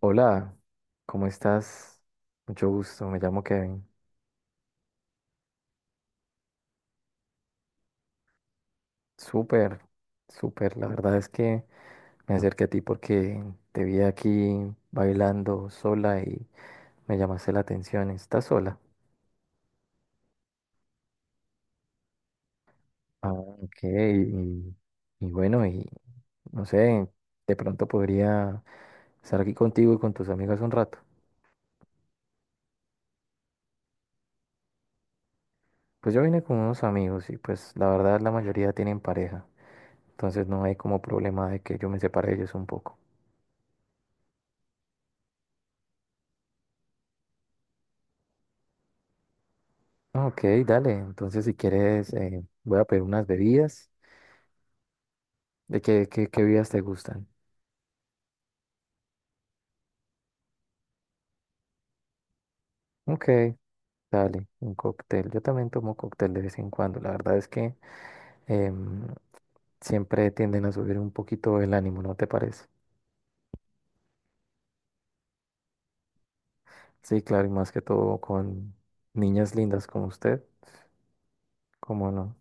Hola, ¿cómo estás? Mucho gusto, me llamo Kevin. Súper, súper. La verdad es que me acerqué a ti porque te vi aquí bailando sola y me llamaste la atención. ¿Estás sola? Ah, ok. Y bueno, y no sé, de pronto podría estar aquí contigo y con tus amigas un rato. Pues yo vine con unos amigos y pues la verdad la mayoría tienen pareja. Entonces no hay como problema de que yo me separe de ellos un poco. Ah, ok, dale. Entonces, si quieres, voy a pedir unas bebidas. ¿De qué bebidas te gustan? Ok, dale, un cóctel. Yo también tomo cóctel de vez en cuando. La verdad es que em, siempre tienden a subir un poquito el ánimo, ¿no te parece? Sí, claro, y más que todo con niñas lindas como usted. ¿Cómo no?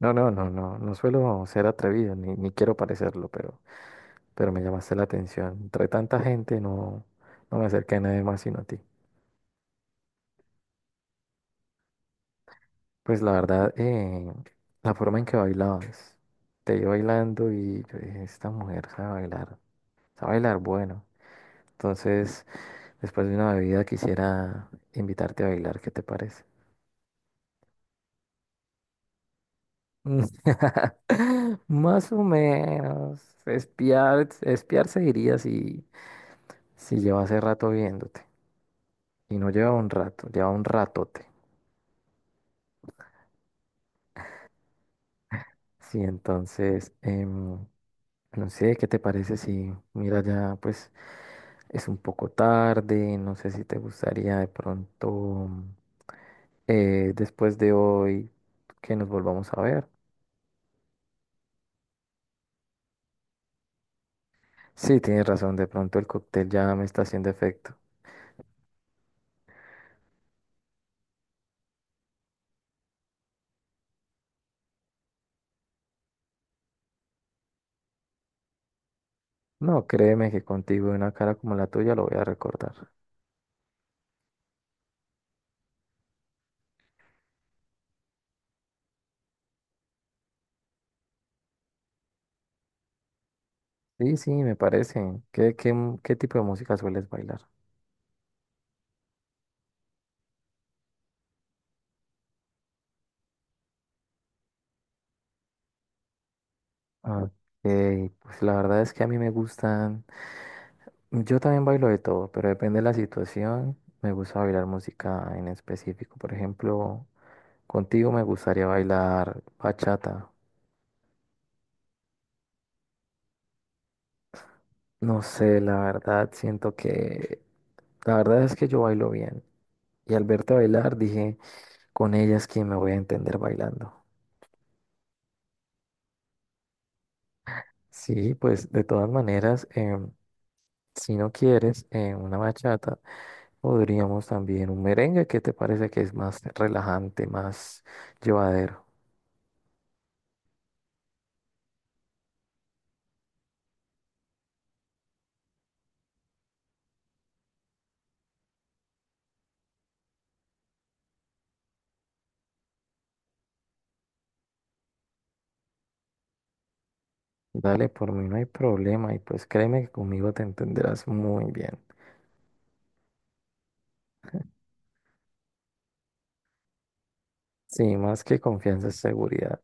No, no, no, no. No suelo ser atrevido, ni quiero parecerlo, pero me llamaste la atención. Entre tanta gente, no, no me acerqué a nadie más sino a ti. Pues la verdad, la forma en que bailabas, te vi bailando y yo dije, esta mujer sabe bailar bueno. Entonces, después de una bebida quisiera invitarte a bailar, ¿qué te parece? Mm. Más o menos, espiar se diría si lleva hace rato viéndote. Y no lleva un rato, lleva un ratote. Sí, entonces, no sé, ¿qué te parece si, mira, ya pues es un poco tarde, no sé si te gustaría de pronto después de hoy que nos volvamos a ver? Sí, tienes razón, de pronto el cóctel ya me está haciendo efecto. No, créeme que contigo y una cara como la tuya lo voy a recordar. Sí, sí, me parece. Qué tipo de música sueles bailar? Ah, ok, pues la verdad es que a mí me gustan. Yo también bailo de todo, pero depende de la situación. Me gusta bailar música en específico. Por ejemplo, contigo me gustaría bailar bachata. No sé, la verdad, siento que... La verdad es que yo bailo bien. Y al verte bailar dije, con ella es quien me voy a entender bailando. Sí, pues de todas maneras, si no quieres una bachata, podríamos también un merengue. ¿Qué te parece que es más relajante, más llevadero? Dale, por mí no hay problema y pues créeme que conmigo te entenderás muy bien. Sí, más que confianza es seguridad.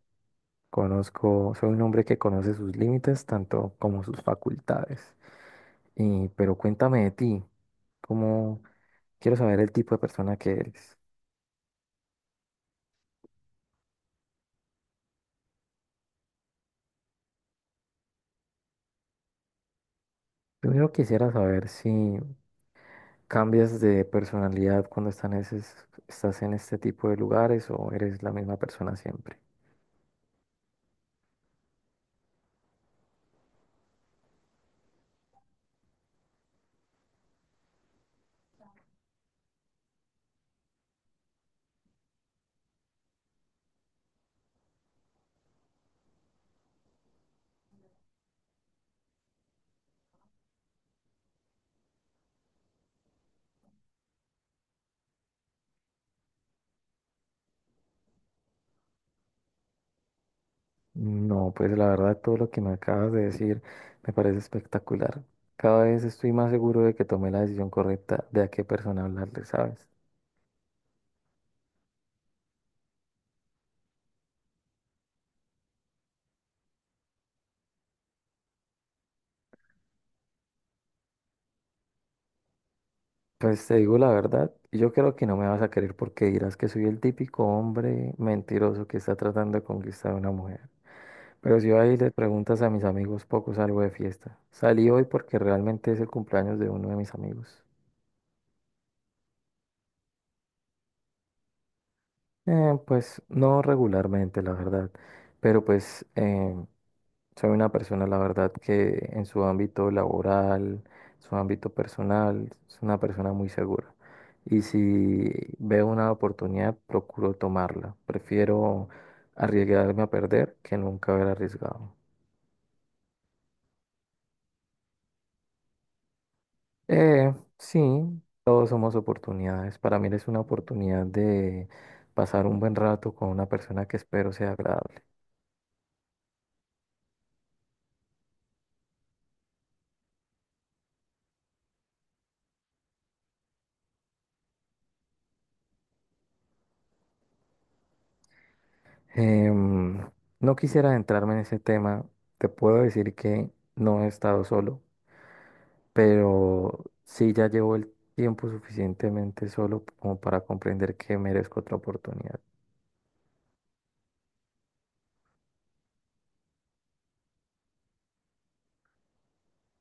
Conozco, soy un hombre que conoce sus límites tanto como sus facultades. Y, pero cuéntame de ti, cómo, quiero saber el tipo de persona que eres. Primero quisiera saber si cambias de personalidad cuando estás en este tipo de lugares o eres la misma persona siempre. No, pues la verdad todo lo que me acabas de decir me parece espectacular. Cada vez estoy más seguro de que tomé la decisión correcta de a qué persona hablarle, ¿sabes? Pues te digo la verdad, yo creo que no me vas a querer porque dirás que soy el típico hombre mentiroso que está tratando de conquistar a una mujer. Pero si ahí le preguntas a mis amigos, poco salgo de fiesta. Salí hoy porque realmente es el cumpleaños de uno de mis amigos. Pues no regularmente, la verdad, pero pues soy una persona, la verdad, que en su ámbito laboral, su ámbito personal, es una persona muy segura. Y si veo una oportunidad, procuro tomarla. Prefiero arriesgarme a perder que nunca haber arriesgado. Sí, todos somos oportunidades. Para mí es una oportunidad de pasar un buen rato con una persona que espero sea agradable. Em, no quisiera adentrarme en ese tema. Te puedo decir que no he estado solo, pero sí ya llevo el tiempo suficientemente solo como para comprender que merezco otra oportunidad.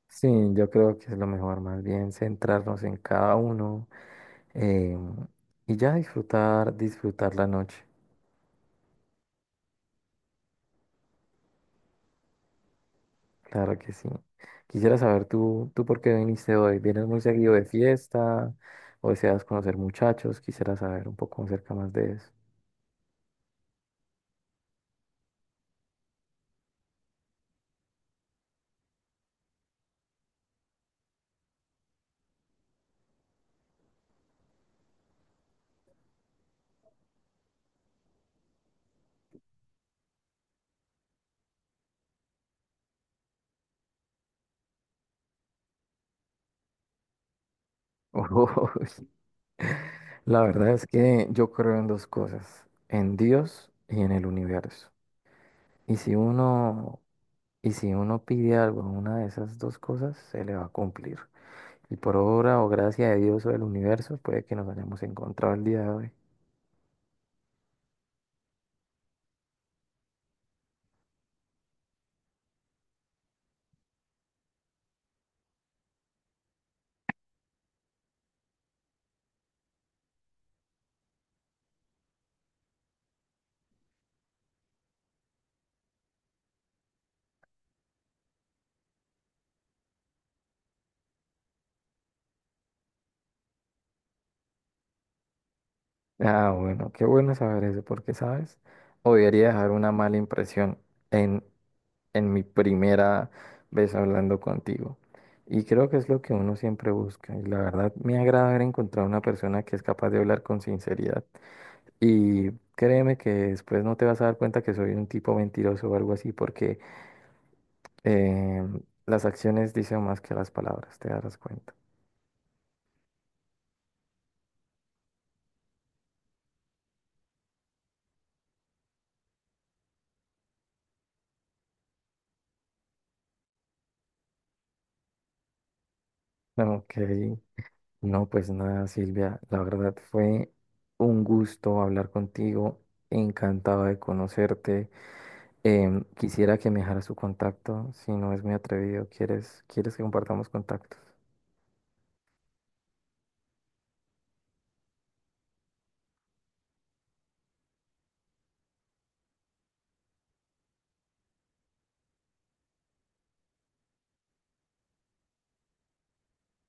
Sí, yo creo que es lo mejor, más bien centrarnos en cada uno em, y ya disfrutar, disfrutar la noche. Claro que sí. Quisiera saber tú por qué viniste hoy. ¿Vienes muy seguido de fiesta o deseas conocer muchachos? Quisiera saber un poco acerca más de eso. Uy, la verdad es que yo creo en dos cosas, en Dios y en el universo. Y si uno, y si uno pide algo en una de esas dos cosas, se le va a cumplir. Y por obra o gracia de Dios o del universo, puede que nos hayamos encontrado el día de hoy. Ah, bueno, qué bueno saber eso, porque, ¿sabes? Odiaría dejar una mala impresión en en mi primera vez hablando contigo. Y creo que es lo que uno siempre busca. Y la verdad me agrada haber encontrado una persona que es capaz de hablar con sinceridad. Y créeme que después no te vas a dar cuenta que soy un tipo mentiroso o algo así, porque eh, las acciones dicen más que las palabras, te darás cuenta. Ok, no, pues nada, Silvia, la verdad fue un gusto hablar contigo, encantado de conocerte. Quisiera que me dejara su contacto, si no es muy atrevido. Quieres que compartamos contactos?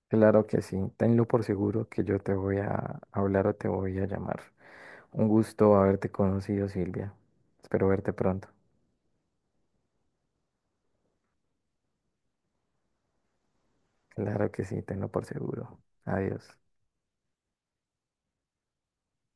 Claro que sí, tenlo por seguro que yo te voy a hablar o te voy a llamar. Un gusto haberte conocido, Silvia. Espero verte pronto. Claro que sí, tenlo por seguro. Adiós.